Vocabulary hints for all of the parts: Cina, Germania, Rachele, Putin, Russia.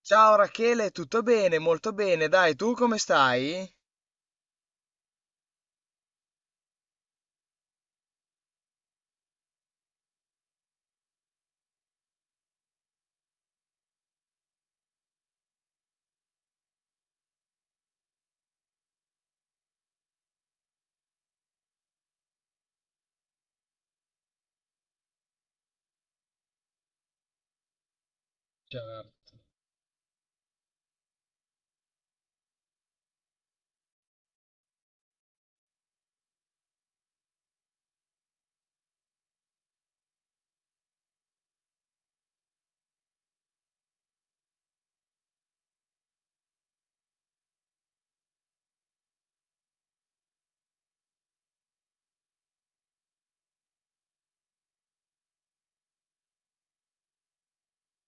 Ciao Rachele, tutto bene? Molto bene, dai, tu come stai? Ciao.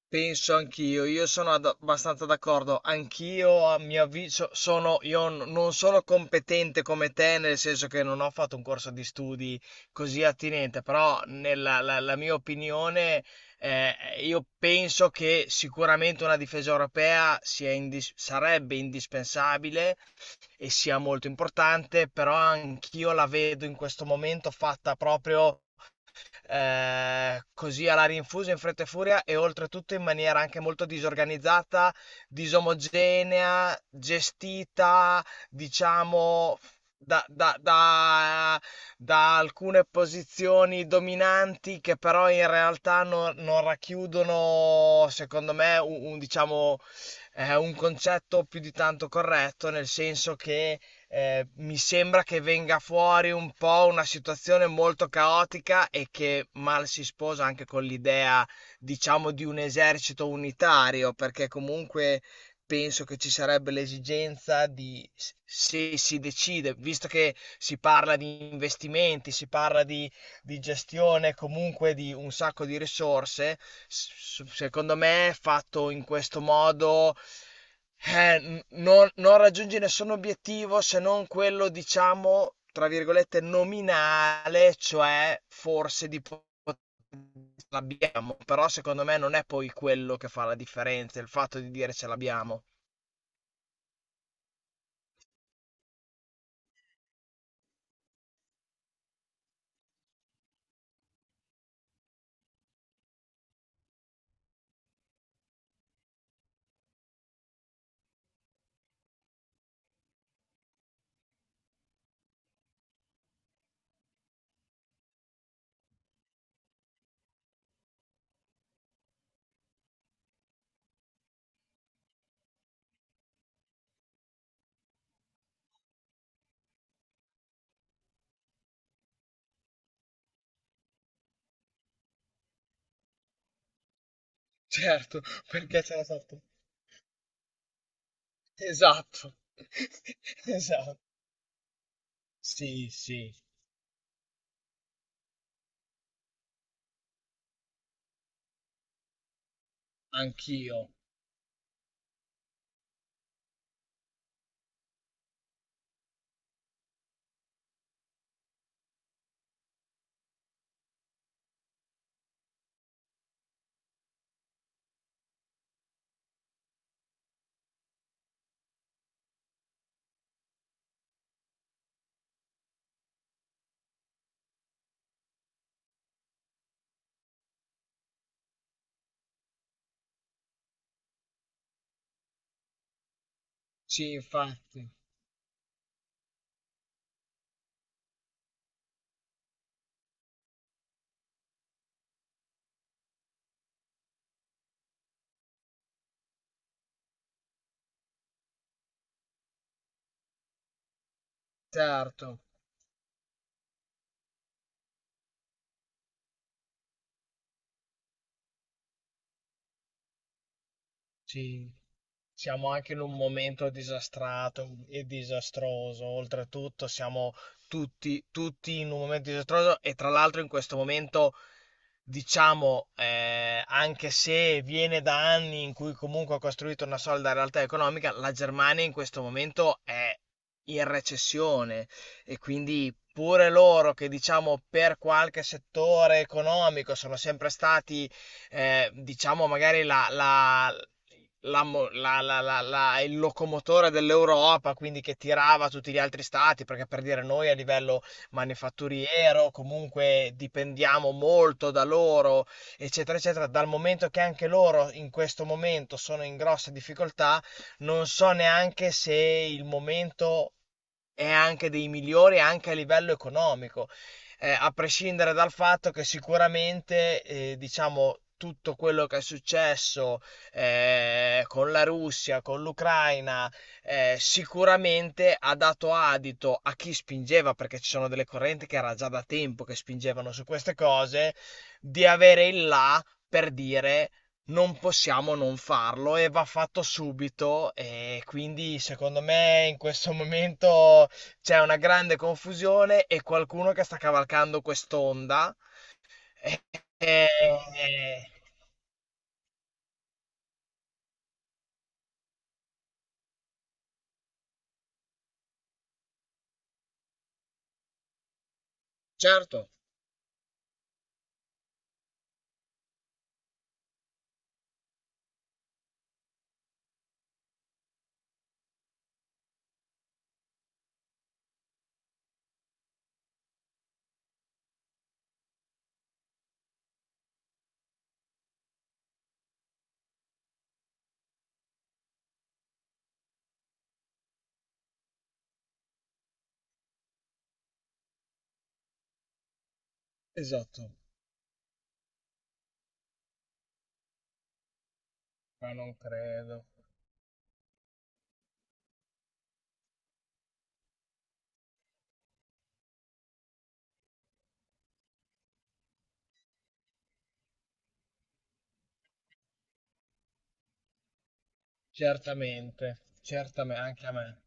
Penso anch'io, io sono abbastanza d'accordo, anch'io a mio avviso sono, non sono competente come te, nel senso che non ho fatto un corso di studi così attinente, però la mia opinione, eh, io penso che sicuramente una difesa europea sarebbe indispensabile e sia molto importante, però anch'io la vedo in questo momento fatta proprio così alla rinfusa, in fretta e furia, e oltretutto in maniera anche molto disorganizzata, disomogenea, gestita, diciamo, da, da- da- da alcune posizioni dominanti che però in realtà non racchiudono, secondo me, un, diciamo, un concetto più di tanto corretto, nel senso che mi sembra che venga fuori un po' una situazione molto caotica e che mal si sposa anche con l'idea, diciamo, di un esercito unitario, perché comunque penso che ci sarebbe l'esigenza di, se si decide, visto che si parla di investimenti, si parla di gestione comunque di un sacco di risorse, secondo me fatto in questo modo, non raggiungi nessun obiettivo se non quello, diciamo, tra virgolette, nominale, cioè forse l'abbiamo, però secondo me non è poi quello che fa la differenza, il fatto di dire ce l'abbiamo. Certo, perché ce l'ha fatta. Esatto. Esatto. Sì, sì, anch'io. Sì, infatti. Certo. Sì. Siamo anche in un momento disastrato e disastroso, oltretutto siamo tutti in un momento disastroso e tra l'altro in questo momento, diciamo, anche se viene da anni in cui comunque ha costruito una solida realtà economica, la Germania in questo momento è in recessione, e quindi pure loro che diciamo per qualche settore economico sono sempre stati, diciamo magari la il locomotore dell'Europa, quindi che tirava tutti gli altri stati, perché per dire noi a livello manifatturiero comunque dipendiamo molto da loro, eccetera, eccetera. Dal momento che anche loro in questo momento sono in grosse difficoltà, non so neanche se il momento è anche dei migliori anche a livello economico, a prescindere dal fatto che sicuramente, diciamo, tutto quello che è successo con la Russia, con l'Ucraina, sicuramente ha dato adito a chi spingeva, perché ci sono delle correnti che era già da tempo che spingevano su queste cose, di avere il là per dire non possiamo non farlo e va fatto subito. E quindi secondo me in questo momento c'è una grande confusione e qualcuno che sta cavalcando quest'onda. E- e- certo, esatto, ma non credo. Certamente, certamente, anche a me.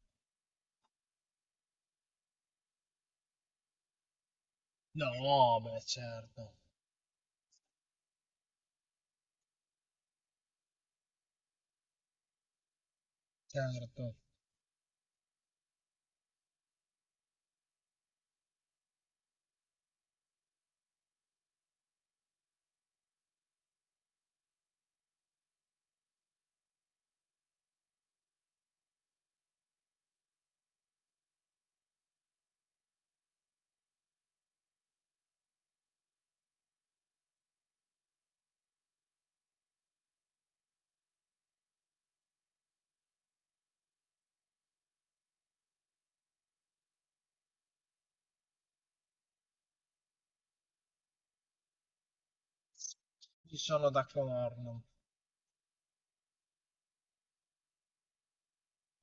No, beh, certo, certo, ci sono d'accordo.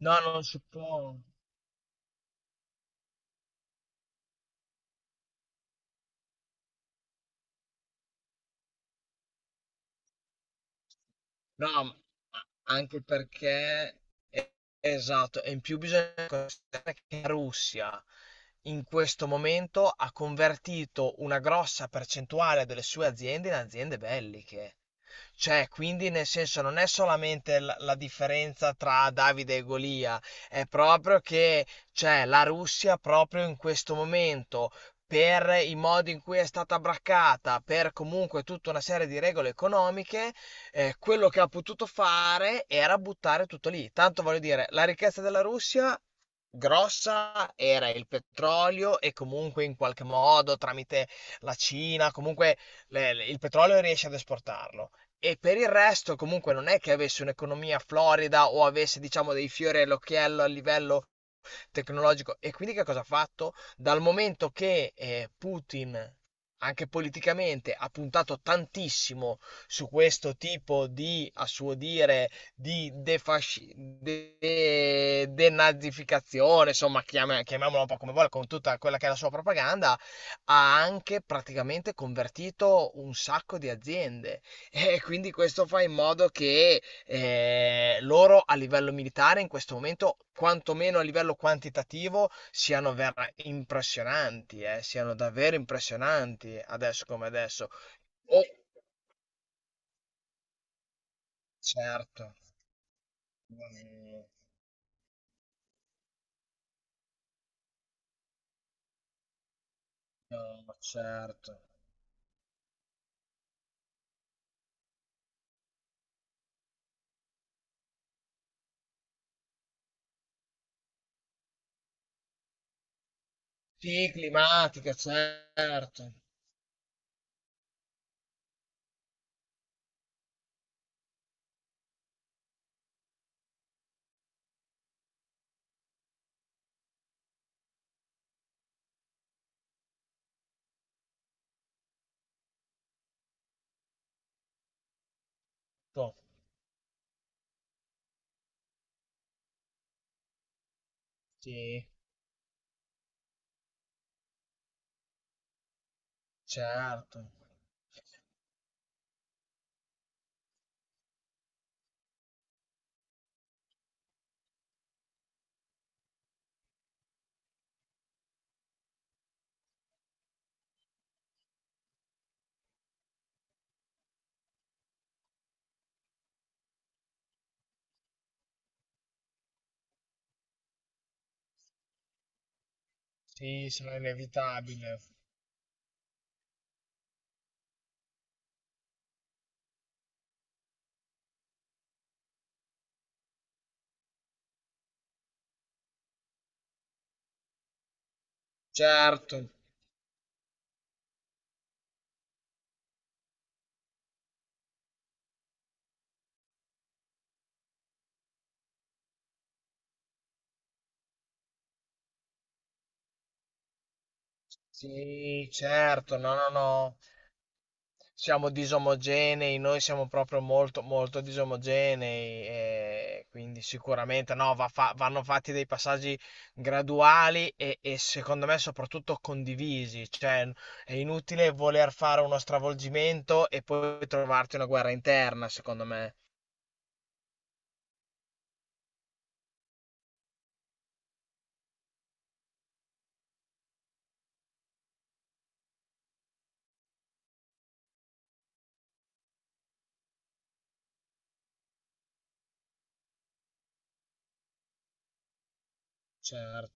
No, non si può. No, ma anche perché eh, esatto, e in più bisogna considerare che la Russia in questo momento ha convertito una grossa percentuale delle sue aziende in aziende belliche. Cioè, quindi nel senso non è solamente la differenza tra Davide e Golia, è proprio che, cioè, la Russia proprio in questo momento, per i modi in cui è stata braccata, per comunque tutta una serie di regole economiche, quello che ha potuto fare era buttare tutto lì. Tanto voglio dire, la ricchezza della Russia grossa era il petrolio, e comunque in qualche modo tramite la Cina, comunque il petrolio riesce ad esportarlo. E per il resto comunque non è che avesse un'economia florida o avesse diciamo dei fiori all'occhiello a livello tecnologico. E quindi che cosa ha fatto? Dal momento che, Putin anche politicamente ha puntato tantissimo su questo tipo di, a suo dire, denazificazione, insomma, chiamiamola un po' come vuole, con tutta quella che è la sua propaganda, ha anche praticamente convertito un sacco di aziende. E quindi questo fa in modo che, loro a livello militare in questo momento, quantomeno a livello quantitativo, impressionanti, siano davvero impressionanti adesso come adesso. O- Certo, mhmm, no, certo. Sì, climatica, certo. To sì, certo. Sì, sono inevitabile. Certo. Sì, certo. No, no, no. Siamo disomogenei, noi siamo proprio molto, molto disomogenei, e quindi sicuramente no, vanno fatti dei passaggi graduali e secondo me soprattutto condivisi, cioè è inutile voler fare uno stravolgimento e poi trovarti una guerra interna, secondo me. Certo,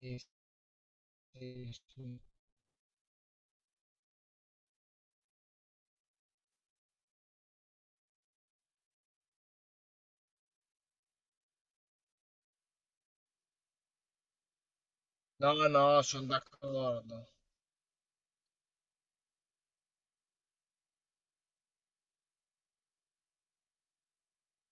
sì, sì, sì. No, no, sono d'accordo.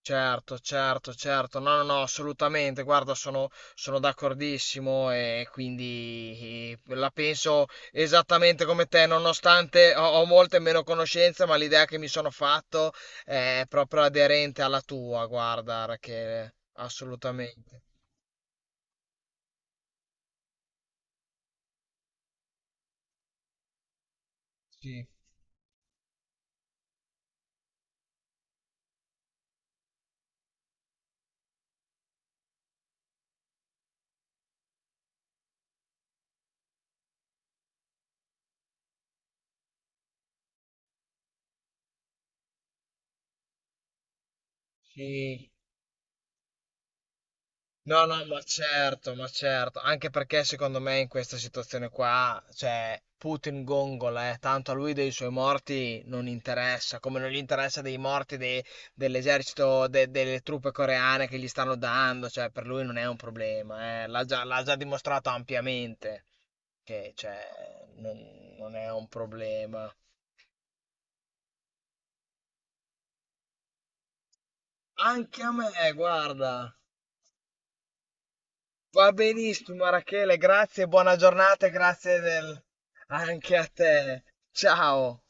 Certo, certo, certo, no, no, no, assolutamente, guarda, sono, sono d'accordissimo, e quindi la penso esattamente come te, nonostante ho, ho molte meno conoscenze, ma l'idea che mi sono fatto è proprio aderente alla tua, guarda, Rachele, assolutamente. Sì, sì. No, no, ma certo, anche perché secondo me in questa situazione qua, cioè, Putin gongola, tanto a lui dei suoi morti non interessa, come non gli interessa dell'esercito, delle truppe coreane che gli stanno dando, cioè, per lui non è un problema, l'ha già dimostrato ampiamente che, cioè, non è un problema. Anche a me, guarda. Va benissimo, Rachele, grazie, buona giornata e grazie del... anche a te. Ciao.